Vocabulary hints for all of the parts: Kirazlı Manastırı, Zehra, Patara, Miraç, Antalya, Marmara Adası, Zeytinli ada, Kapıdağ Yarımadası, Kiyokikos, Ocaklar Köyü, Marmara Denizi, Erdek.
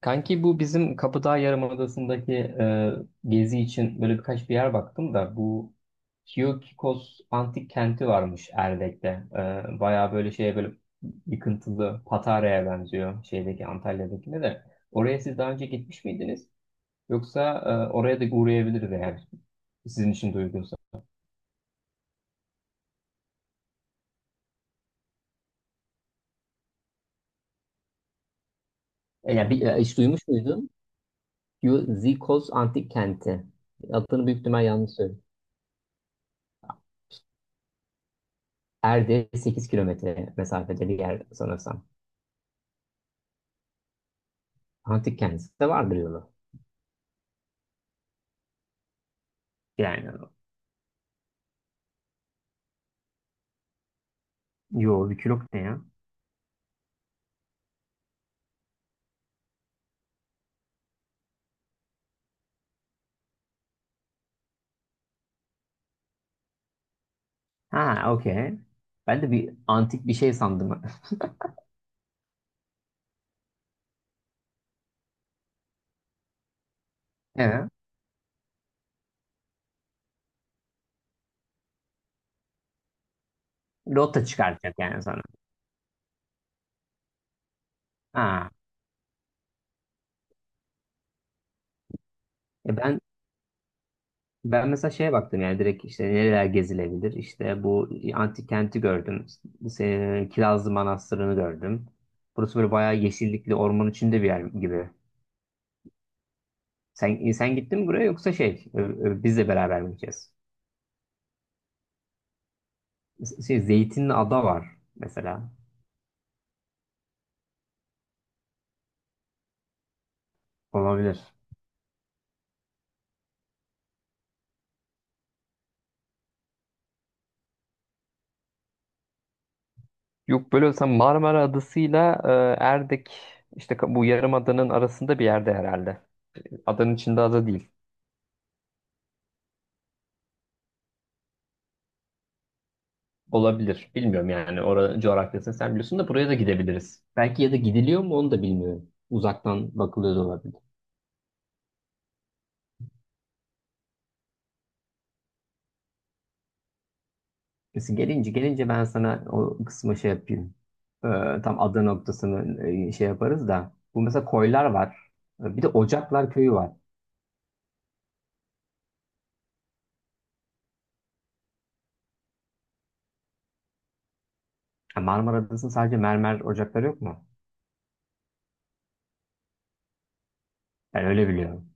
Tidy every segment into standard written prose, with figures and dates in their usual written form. Kanki bu bizim Kapıdağ Yarımadası'ndaki gezi için böyle birkaç bir yer baktım da bu Kiyokikos antik kenti varmış Erdek'te. Bayağı böyle şeye böyle yıkıntılı Patara'ya benziyor şeydeki Antalya'dakine de. Oraya siz daha önce gitmiş miydiniz? Yoksa oraya da uğrayabiliriz eğer sizin için de uygunsa. Yani bir, hiç duymuş muydun? Kiyikos Antik Kenti. Adını büyük ihtimal yanlış söyledim. Erde 8 kilometre mesafede bir yer sanırsam. Antik kendisi de vardır yolu. Yani yo bir kilok ne ya? Ha okey. Ben de bir antik bir şey sandım. Evet. Rota çıkartacak yani sana. Ha. E ben ben mesela şeye baktım yani direkt işte nereler gezilebilir. İşte bu antik kenti gördüm. Se- Kirazlı Manastırı'nı gördüm. Burası böyle bayağı yeşillikli orman içinde bir yer gibi. Sen gittin mi buraya yoksa şey ö- ö- bizle beraber mi gideceğiz? Şey Zeytinli ada var mesela olabilir. Yok böyle olsa Marmara Adası'yla Erdek işte ka- bu yarımadanın arasında bir yerde herhalde. Adanın içinde ada değil. Olabilir. Bilmiyorum yani. Oranın coğrafyasını sen biliyorsun da buraya da gidebiliriz. Belki ya da gidiliyor mu onu da bilmiyorum. Uzaktan bakılıyor da olabilir. Neyse gelince ben sana o kısma şey yapayım. E, Tam ada noktasını şey yaparız da. Bu mesela koylar var. Bir de Ocaklar Köyü var. Ha, Marmara Adası'nın sadece mermer ocakları yok mu? Ben öyle biliyorum.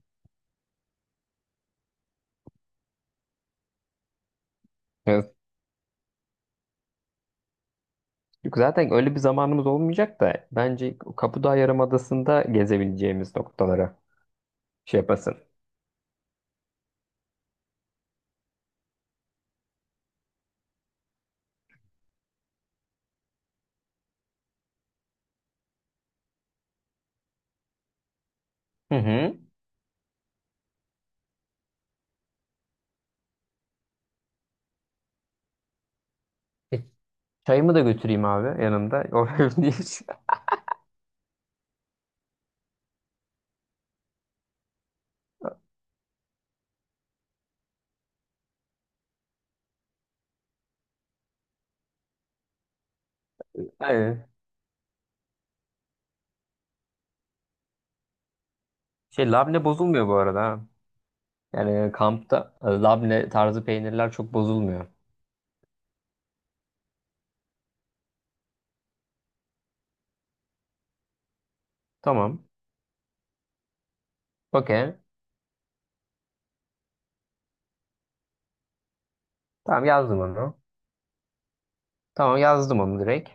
Yok, zaten öyle bir zamanımız olmayacak da bence Kapıdağ Yarımadası'nda gezebileceğimiz noktalara şey yapasın. Hı hı. E, Çayımı da götüreyim abi yanımda. O önemli değil. Aynen. Şey labne bozulmuyor bu arada. Ha. Yani kampta labne tarzı peynirler çok bozulmuyor. Tamam. Okey. Tamam yazdım onu. Tamam yazdım onu direkt.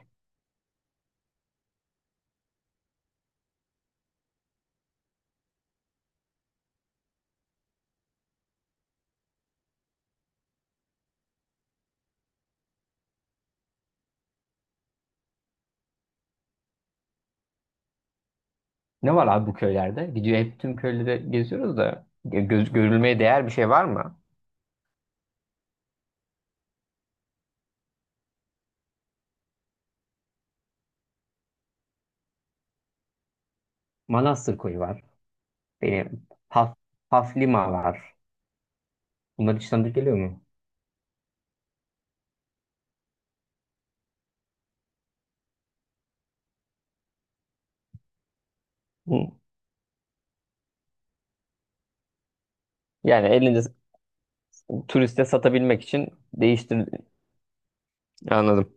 Ne var abi bu köylerde? Gidiyor hep tüm köyleri geziyoruz da gö- göz, görülmeye değer bir şey var mı? Manastır koyu var. Benim Haf- Haflima var. Bunlar işten geliyor mu? Hı. Yani elinde turiste satabilmek için değiştir anladım.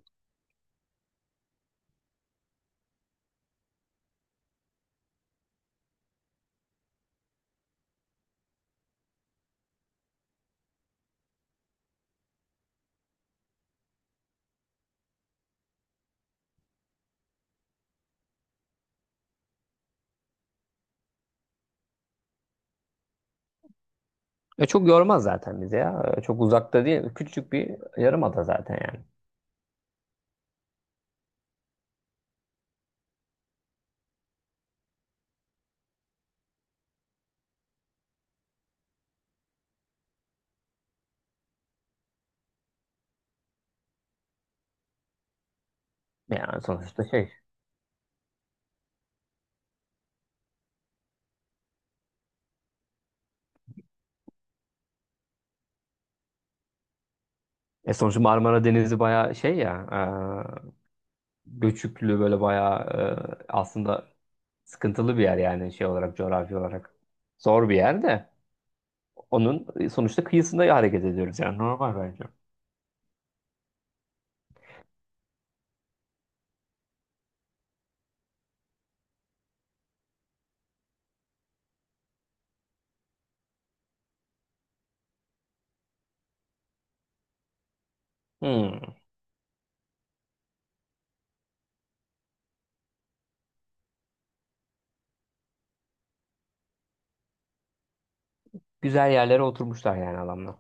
E çok yormaz zaten bizi ya. E çok uzakta değil. Küçücük bir yarımada zaten yani. Yani sonuçta şey. E sonuçta Marmara Denizi bayağı şey ya. e, Göçüklü böyle bayağı aslında sıkıntılı bir yer yani şey olarak coğrafi olarak. Zor bir yer de onun sonuçta kıyısında hareket ediyoruz yani normal bence. Hı. Güzel yerlere oturmuşlar yani adamlar.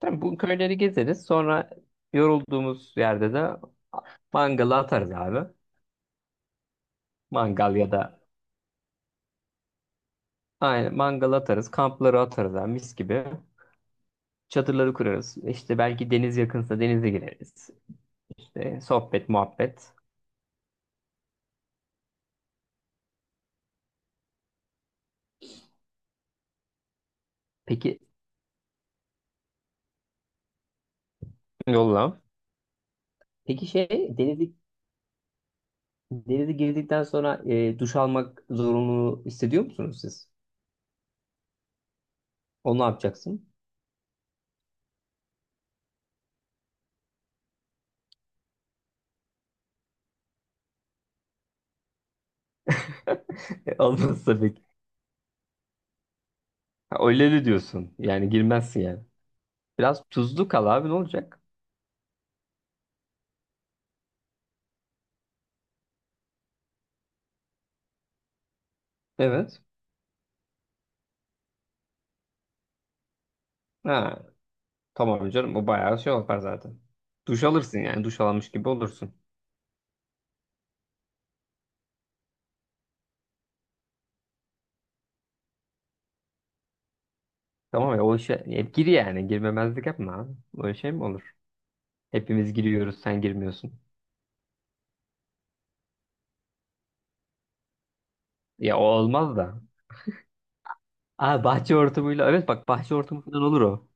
Tabii bu köyleri gezeriz. Sonra yorulduğumuz yerde de mangalı atarız abi. Mangal ya da aynen mangal atarız. Kampları atarız abi mis gibi. Çadırları kurarız. İşte belki deniz yakınsa denize gireriz. İşte sohbet, muhabbet. Peki yolla. Peki şey denizi denize girdikten sonra duş almak zorunluluğu hissediyor musunuz siz? Onu ne yapacaksın? Olmaz tabii ki. Ha, öyle de diyorsun. Yani girmezsin yani. Biraz tuzlu kal abi ne olacak? Evet. Ha, tamam canım o bayağı şey yapar zaten. Duş alırsın yani duş almış gibi olursun. Tamam ya o işe hep gir yani girmemezlik yapma abi. Öyle şey mi olur? Hepimiz giriyoruz sen girmiyorsun. Ya o olmaz da. Aa bahçe hortumuyla evet bak bahçe hortumu falan olur o.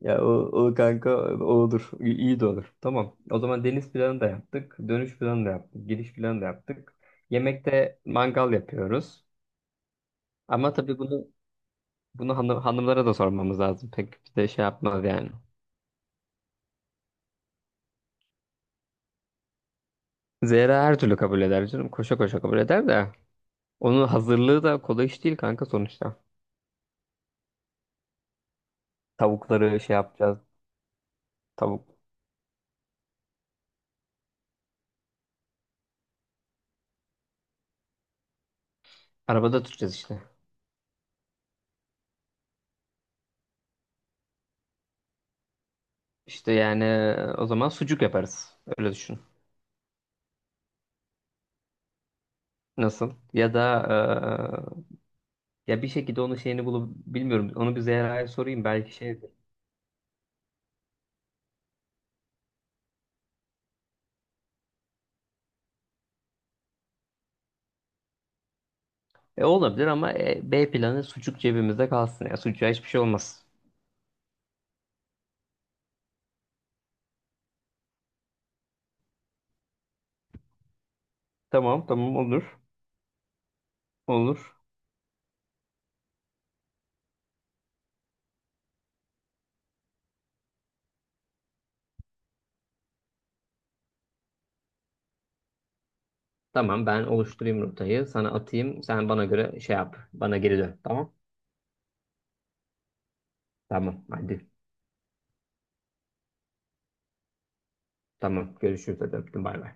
Ya o, o kanka o olur. İyi iyi de olur. Tamam. O zaman deniz planı da yaptık. Dönüş planı da yaptık. Giriş planı da yaptık. Yemekte mangal yapıyoruz. Ama tabii bunu hanım, hanımlara da sormamız lazım. Pek bir de şey yapmaz yani. Zehra her türlü kabul eder canım. Koşa koşa kabul eder de. Onun hazırlığı da kolay iş değil kanka sonuçta. Tavukları şey yapacağız. Tavuk. Arabada tutacağız işte. İşte yani o zaman sucuk yaparız. Öyle düşün. Nasıl? Ya da ya bir şekilde onun şeyini bulup bilmiyorum. Onu bir Zehra'ya sorayım belki şeydir. Olabilir ama B planı sucuk cebimizde kalsın. Ya sucuğa hiçbir şey olmaz. Tamam tamam olur. Olur. Tamam ben oluşturayım rotayı. Sana atayım. Sen bana göre şey yap. Bana geri dön. Tamam. Tamam hadi. Tamam görüşürüz hadi öptüm bay bay.